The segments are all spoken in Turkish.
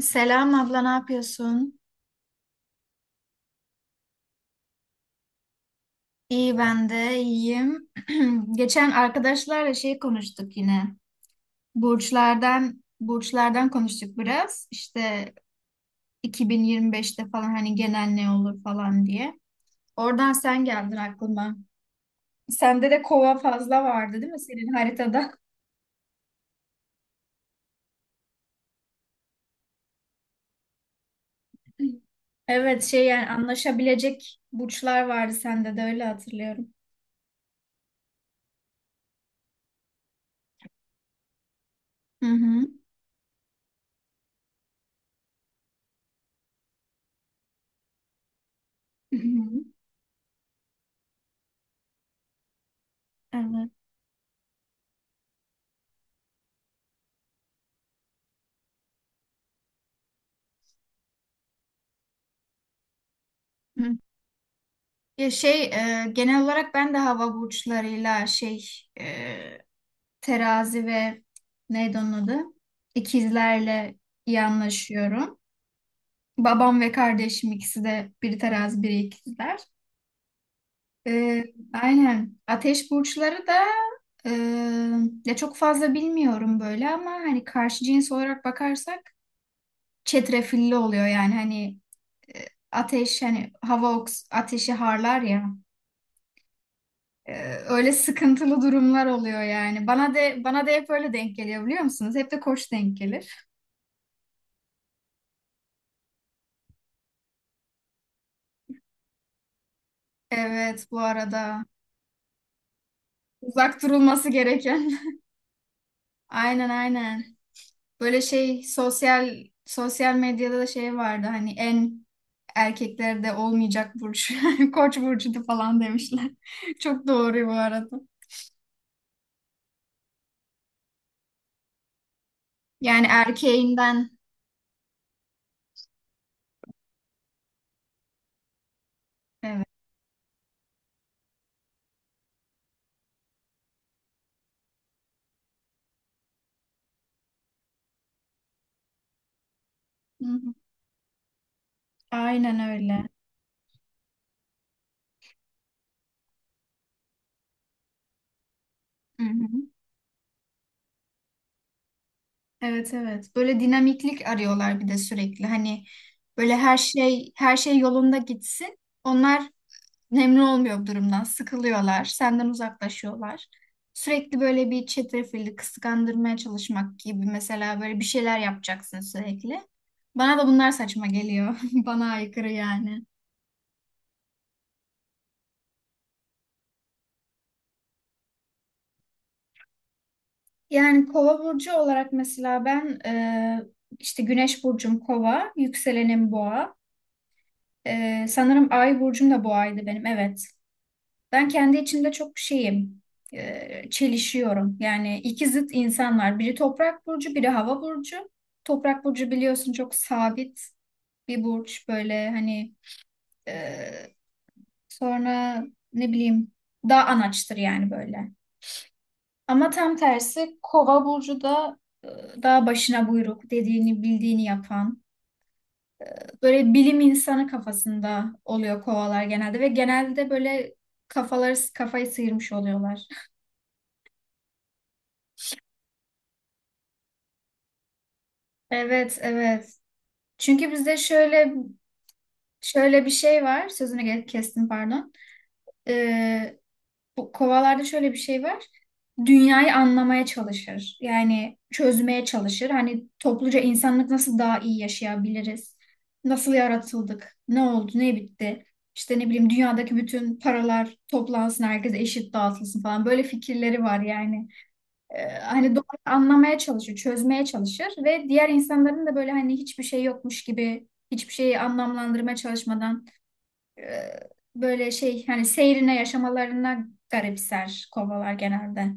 Selam abla, ne yapıyorsun? İyi, ben de iyiyim. Geçen arkadaşlarla konuştuk yine. Burçlardan konuştuk biraz. İşte 2025'te falan hani genel ne olur falan diye. Oradan sen geldin aklıma. Sende de kova fazla vardı, değil mi, senin haritada? Evet, yani anlaşabilecek burçlar vardı sende de, öyle hatırlıyorum. Hı hı. Hı hı. Evet. Hı. Ya genel olarak ben de hava burçlarıyla e, terazi ve neydi onun adı? İkizlerle iyi anlaşıyorum. Babam ve kardeşim ikisi de, biri terazi biri ikizler. E, aynen. Ateş burçları da e, ya çok fazla bilmiyorum böyle ama hani karşı cins olarak bakarsak çetrefilli oluyor yani hani e, ateş hani hava oks ateşi harlar ya. Öyle sıkıntılı durumlar oluyor yani. Bana de bana da hep öyle denk geliyor, biliyor musunuz? Hep de koç denk gelir. Evet, bu arada uzak durulması gereken. Aynen, aynen. Böyle sosyal medyada da vardı hani en erkeklerde olmayacak burç koç burcudu falan demişler. Çok doğru bu arada. Yani erkeğinden, evet. Hı hı. Aynen öyle. Hı hı. Evet, evet. Böyle dinamiklik arıyorlar bir de sürekli. Hani böyle her şey yolunda gitsin. Onlar memnun olmuyor bu durumdan. Sıkılıyorlar. Senden uzaklaşıyorlar. Sürekli böyle bir çetrefilli kıskandırmaya çalışmak gibi, mesela böyle bir şeyler yapacaksın sürekli. Bana da bunlar saçma geliyor. Bana aykırı yani. Yani kova burcu olarak mesela ben işte güneş burcum kova, yükselenim boğa. E, sanırım ay burcum da boğaydı benim. Evet. Ben kendi içimde çok şeyim, çelişiyorum. Yani iki zıt insan var. Biri toprak burcu, biri hava burcu. Toprak burcu biliyorsun, çok sabit bir burç. Böyle hani e, sonra ne bileyim, daha anaçtır yani böyle. Ama tam tersi kova burcu da e, daha başına buyruk, dediğini bildiğini yapan. Böyle bilim insanı kafasında oluyor kovalar genelde ve genelde böyle kafayı sıyırmış oluyorlar. Evet, evet. Çünkü bizde şöyle bir şey var. Sözünü kestim, pardon. Ee, Bu kovalarda şöyle bir şey var. Dünyayı anlamaya çalışır. Yani çözmeye çalışır. Hani topluca insanlık nasıl daha iyi yaşayabiliriz? Nasıl yaratıldık? Ne oldu? Ne bitti? İşte ne bileyim, dünyadaki bütün paralar toplansın, herkese eşit dağıtılsın falan. Böyle fikirleri var yani hani doğru anlamaya çalışır, çözmeye çalışır ve diğer insanların da böyle hani hiçbir şey yokmuş gibi hiçbir şeyi anlamlandırmaya çalışmadan e, böyle hani seyrine yaşamalarına garipser kovalar genelde.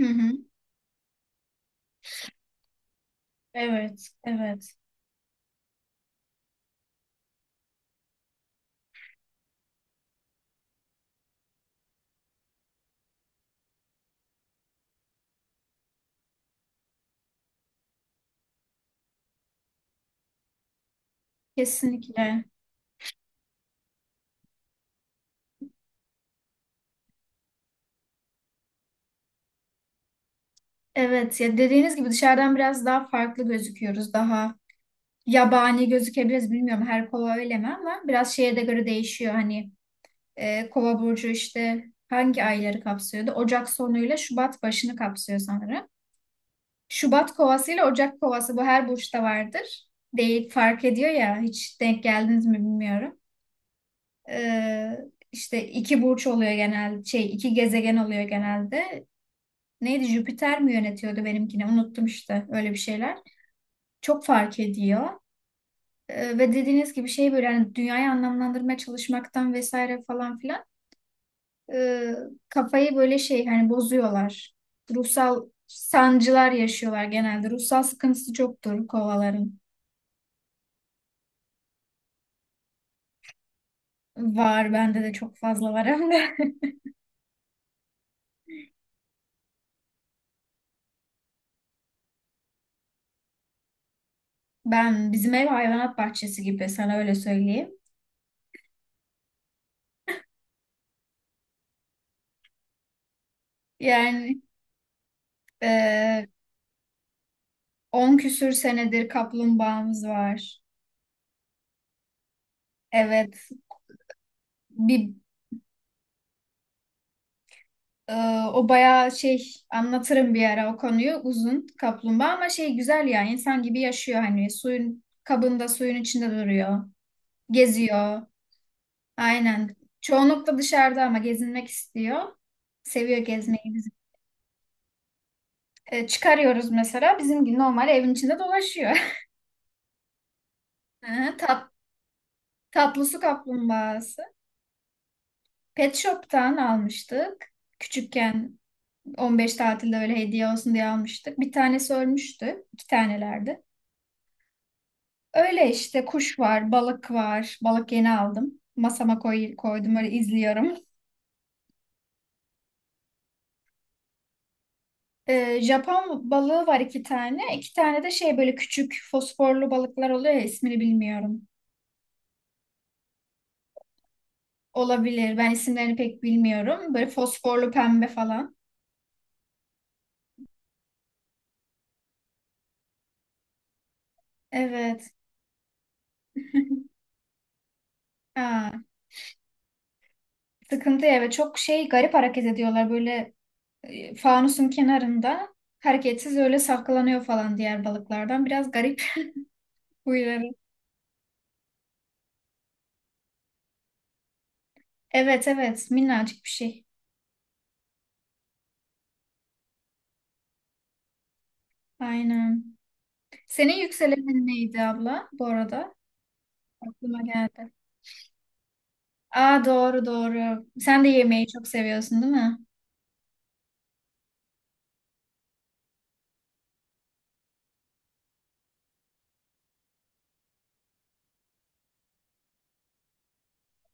Hı hı. Evet, evet. Kesinlikle. Evet, ya dediğiniz gibi dışarıdan biraz daha farklı gözüküyoruz. Daha yabani gözükebiliriz, bilmiyorum her kova öyle mi, ama biraz şeye de göre değişiyor hani. E, kova burcu işte hangi ayları kapsıyordu? Ocak sonuyla Şubat başını kapsıyor sanırım. Şubat kovası ile Ocak kovası, bu her burçta vardır. Değil, fark ediyor ya, hiç denk geldiniz mi bilmiyorum. E, işte iki burç oluyor genelde, iki gezegen oluyor genelde. Neydi, Jüpiter mi yönetiyordu benimkini, unuttum işte, öyle bir şeyler. Çok fark ediyor. E, ve dediğiniz gibi böyle hani dünyayı anlamlandırmaya çalışmaktan vesaire falan filan e, kafayı böyle hani bozuyorlar. Ruhsal sancılar yaşıyorlar genelde. Ruhsal sıkıntısı çoktur kovaların. Var, bende de çok fazla var hem de. Ben bizim ev hayvanat bahçesi gibi, sana öyle söyleyeyim. Yani e, 10 küsür senedir kaplumbağamız var. Evet, bir e, o bayağı anlatırım bir ara o konuyu, uzun kaplumbağa, ama güzel ya, insan gibi yaşıyor hani, suyun kabında suyun içinde duruyor, geziyor. Aynen. Çoğunlukla dışarıda ama gezinmek istiyor. Seviyor gezmeyi bizim. E, çıkarıyoruz mesela. Bizimki normal evin içinde dolaşıyor. Hı, Tat, Tatlı su kaplumbağası. Pet Shop'tan almıştık. Küçükken, 15 tatilde öyle hediye olsun diye almıştık. Bir tanesi ölmüştü. İki tanelerdi. Öyle işte, kuş var, balık var. Balık yeni aldım. Koydum, öyle izliyorum. Japon balığı var iki tane. İki tane de böyle küçük fosforlu balıklar oluyor ya, ismini bilmiyorum. Olabilir. Ben isimlerini pek bilmiyorum. Böyle fosforlu pembe falan. Evet. Ha, sıkıntı ya. Ve çok garip hareket ediyorlar. Böyle fanusun kenarında hareketsiz öyle saklanıyor falan diğer balıklardan. Biraz garip huyları. Evet, evet. Minnacık bir şey. Aynen. Senin yükselenin neydi abla, bu arada? Aklıma geldi. Aa, doğru, doğru. Sen de yemeği çok seviyorsun, değil mi?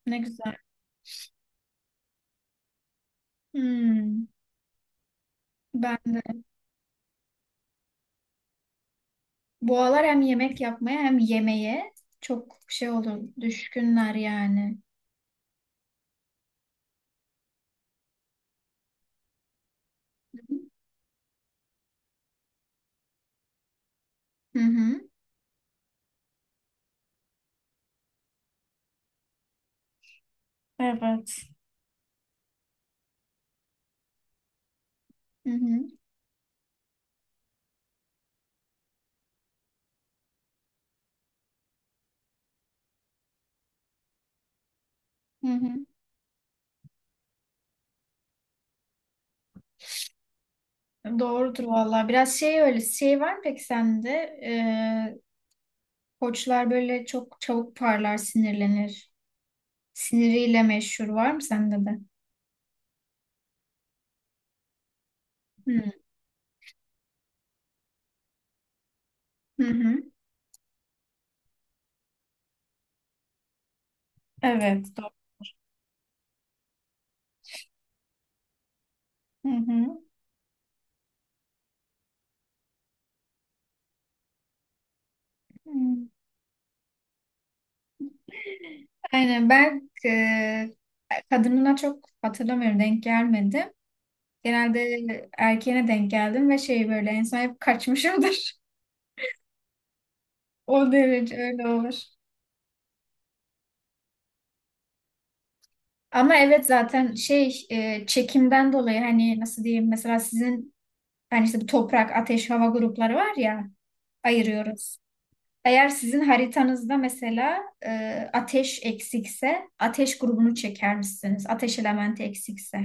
Ne güzel. Hmm, ben de. Bu aralar hem yemek yapmaya hem yemeğe çok olur. Düşkünler yani. Hı hı. Evet. Hı hı. Hı hı. Doğrudur vallahi. Biraz öyle. Şey var mı peki sende? Koçlar böyle çok çabuk parlar, sinirlenir. Siniriyle meşhur, var mı sende de? Hı hı. Hı. Evet. Doğru. Hı hı. Hı. Aynen. Ben kadınına çok hatırlamıyorum, denk gelmedim. Genelde erkeğine denk geldim ve böyle en son hep kaçmışımdır. O derece öyle olur. Ama evet, zaten çekimden dolayı hani nasıl diyeyim, mesela sizin hani işte bu toprak, ateş, hava grupları var ya, ayırıyoruz. Eğer sizin haritanızda mesela ateş eksikse, ateş grubunu çeker misiniz? Ateş elementi eksikse.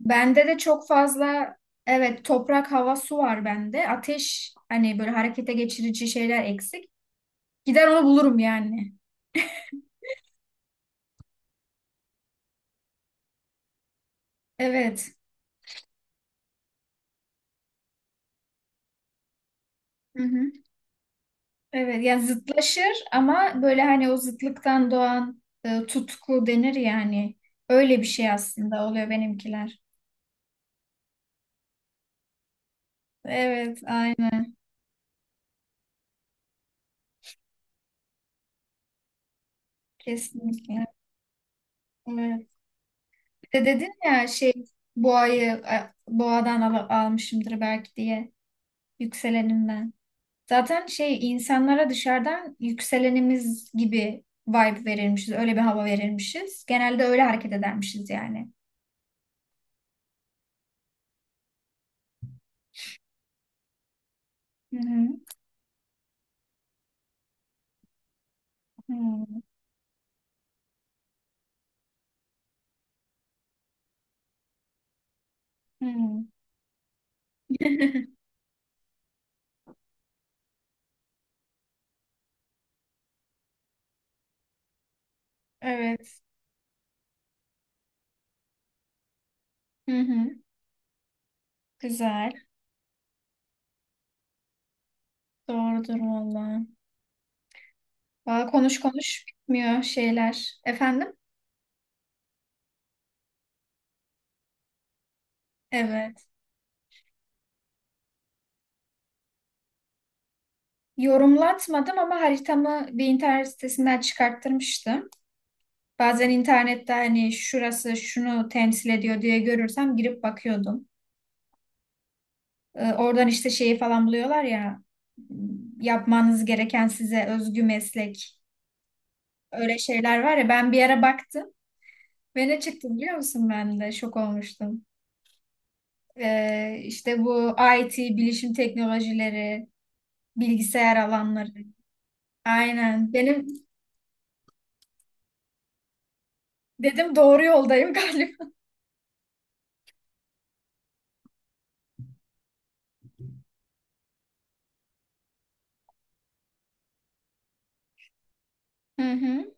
Bende de çok fazla, evet toprak, hava, su var bende. Ateş hani böyle harekete geçirici şeyler eksik. Gider onu bulurum yani. Evet. Hı hı. Evet, yani zıtlaşır ama böyle hani o zıtlıktan doğan tutku denir yani. Öyle bir şey aslında oluyor benimkiler. Evet, aynen, kesinlikle. Evet. Bir de dedin ya, boğayı boğadan al almışımdır belki diye, yükseleninden. Zaten insanlara dışarıdan yükselenimiz gibi vibe verilmişiz. Öyle bir hava verilmişiz. Genelde öyle hareket edermişiz yani. Hı hı. Hı hı. Evet. Hı hı. Güzel. Doğrudur valla. Valla konuş konuş bitmiyor şeyler. Efendim? Evet. Yorumlatmadım ama haritamı bir internet sitesinden çıkarttırmıştım. Bazen internette hani şurası şunu temsil ediyor diye görürsem girip bakıyordum. E, oradan işte şeyi falan buluyorlar ya, yapmanız gereken size özgü meslek, öyle şeyler var ya, ben bir ara baktım ve ne çıktı biliyor musun, ben de şok olmuştum. E, işte bu IT, bilişim teknolojileri, bilgisayar alanları. Aynen. Benim dedim doğru yoldayım galiba. Hı hı.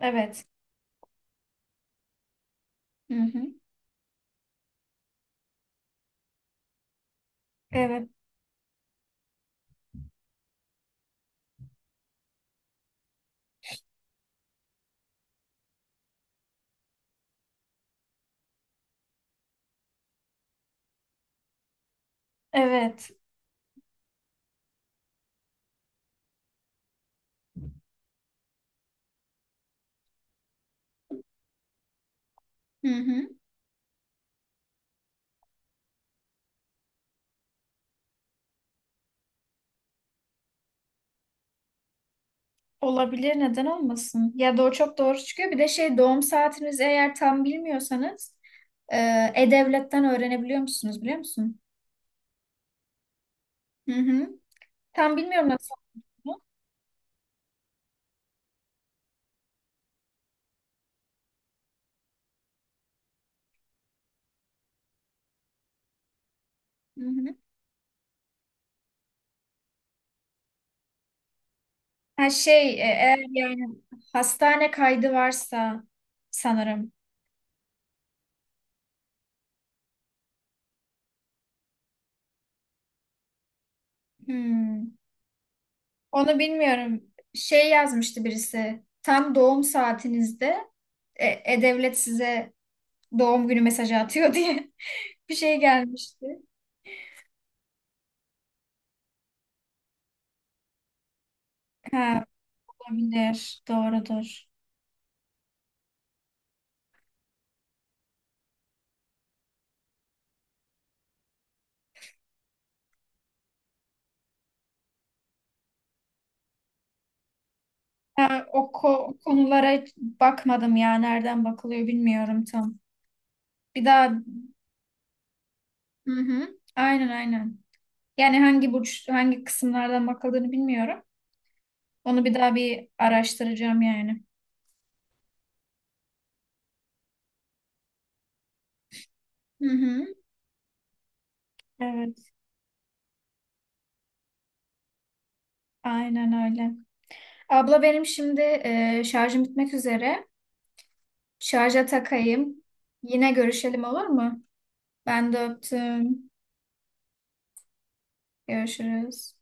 Evet. Hı hı. Evet. Evet. Hı hı. Olabilir, neden olmasın? Ya doğru, çok doğru çıkıyor. Bir de doğum saatinizi eğer tam bilmiyorsanız e, e-devletten öğrenebiliyor musunuz, biliyor musun? Hı hı. Tam bilmiyorum nasıl olduğunu. Hı hı. Ha eğer yani hastane kaydı varsa sanırım. Hmm. Onu bilmiyorum. Yazmıştı birisi. Tam doğum saatinizde e-devlet size doğum günü mesajı atıyor diye bir şey gelmişti. Ha, olabilir. Doğrudur. O konulara hiç bakmadım ya. Nereden bakılıyor bilmiyorum tam. Bir daha. Hı hı. Aynen, aynen. Yani hangi burç hangi kısımlardan bakıldığını bilmiyorum. Onu bir daha bir araştıracağım yani. Hı hı. Evet, aynen öyle. Abla, benim şimdi şarjım bitmek üzere. Şarja takayım. Yine görüşelim, olur mu? Ben de öptüm. Görüşürüz.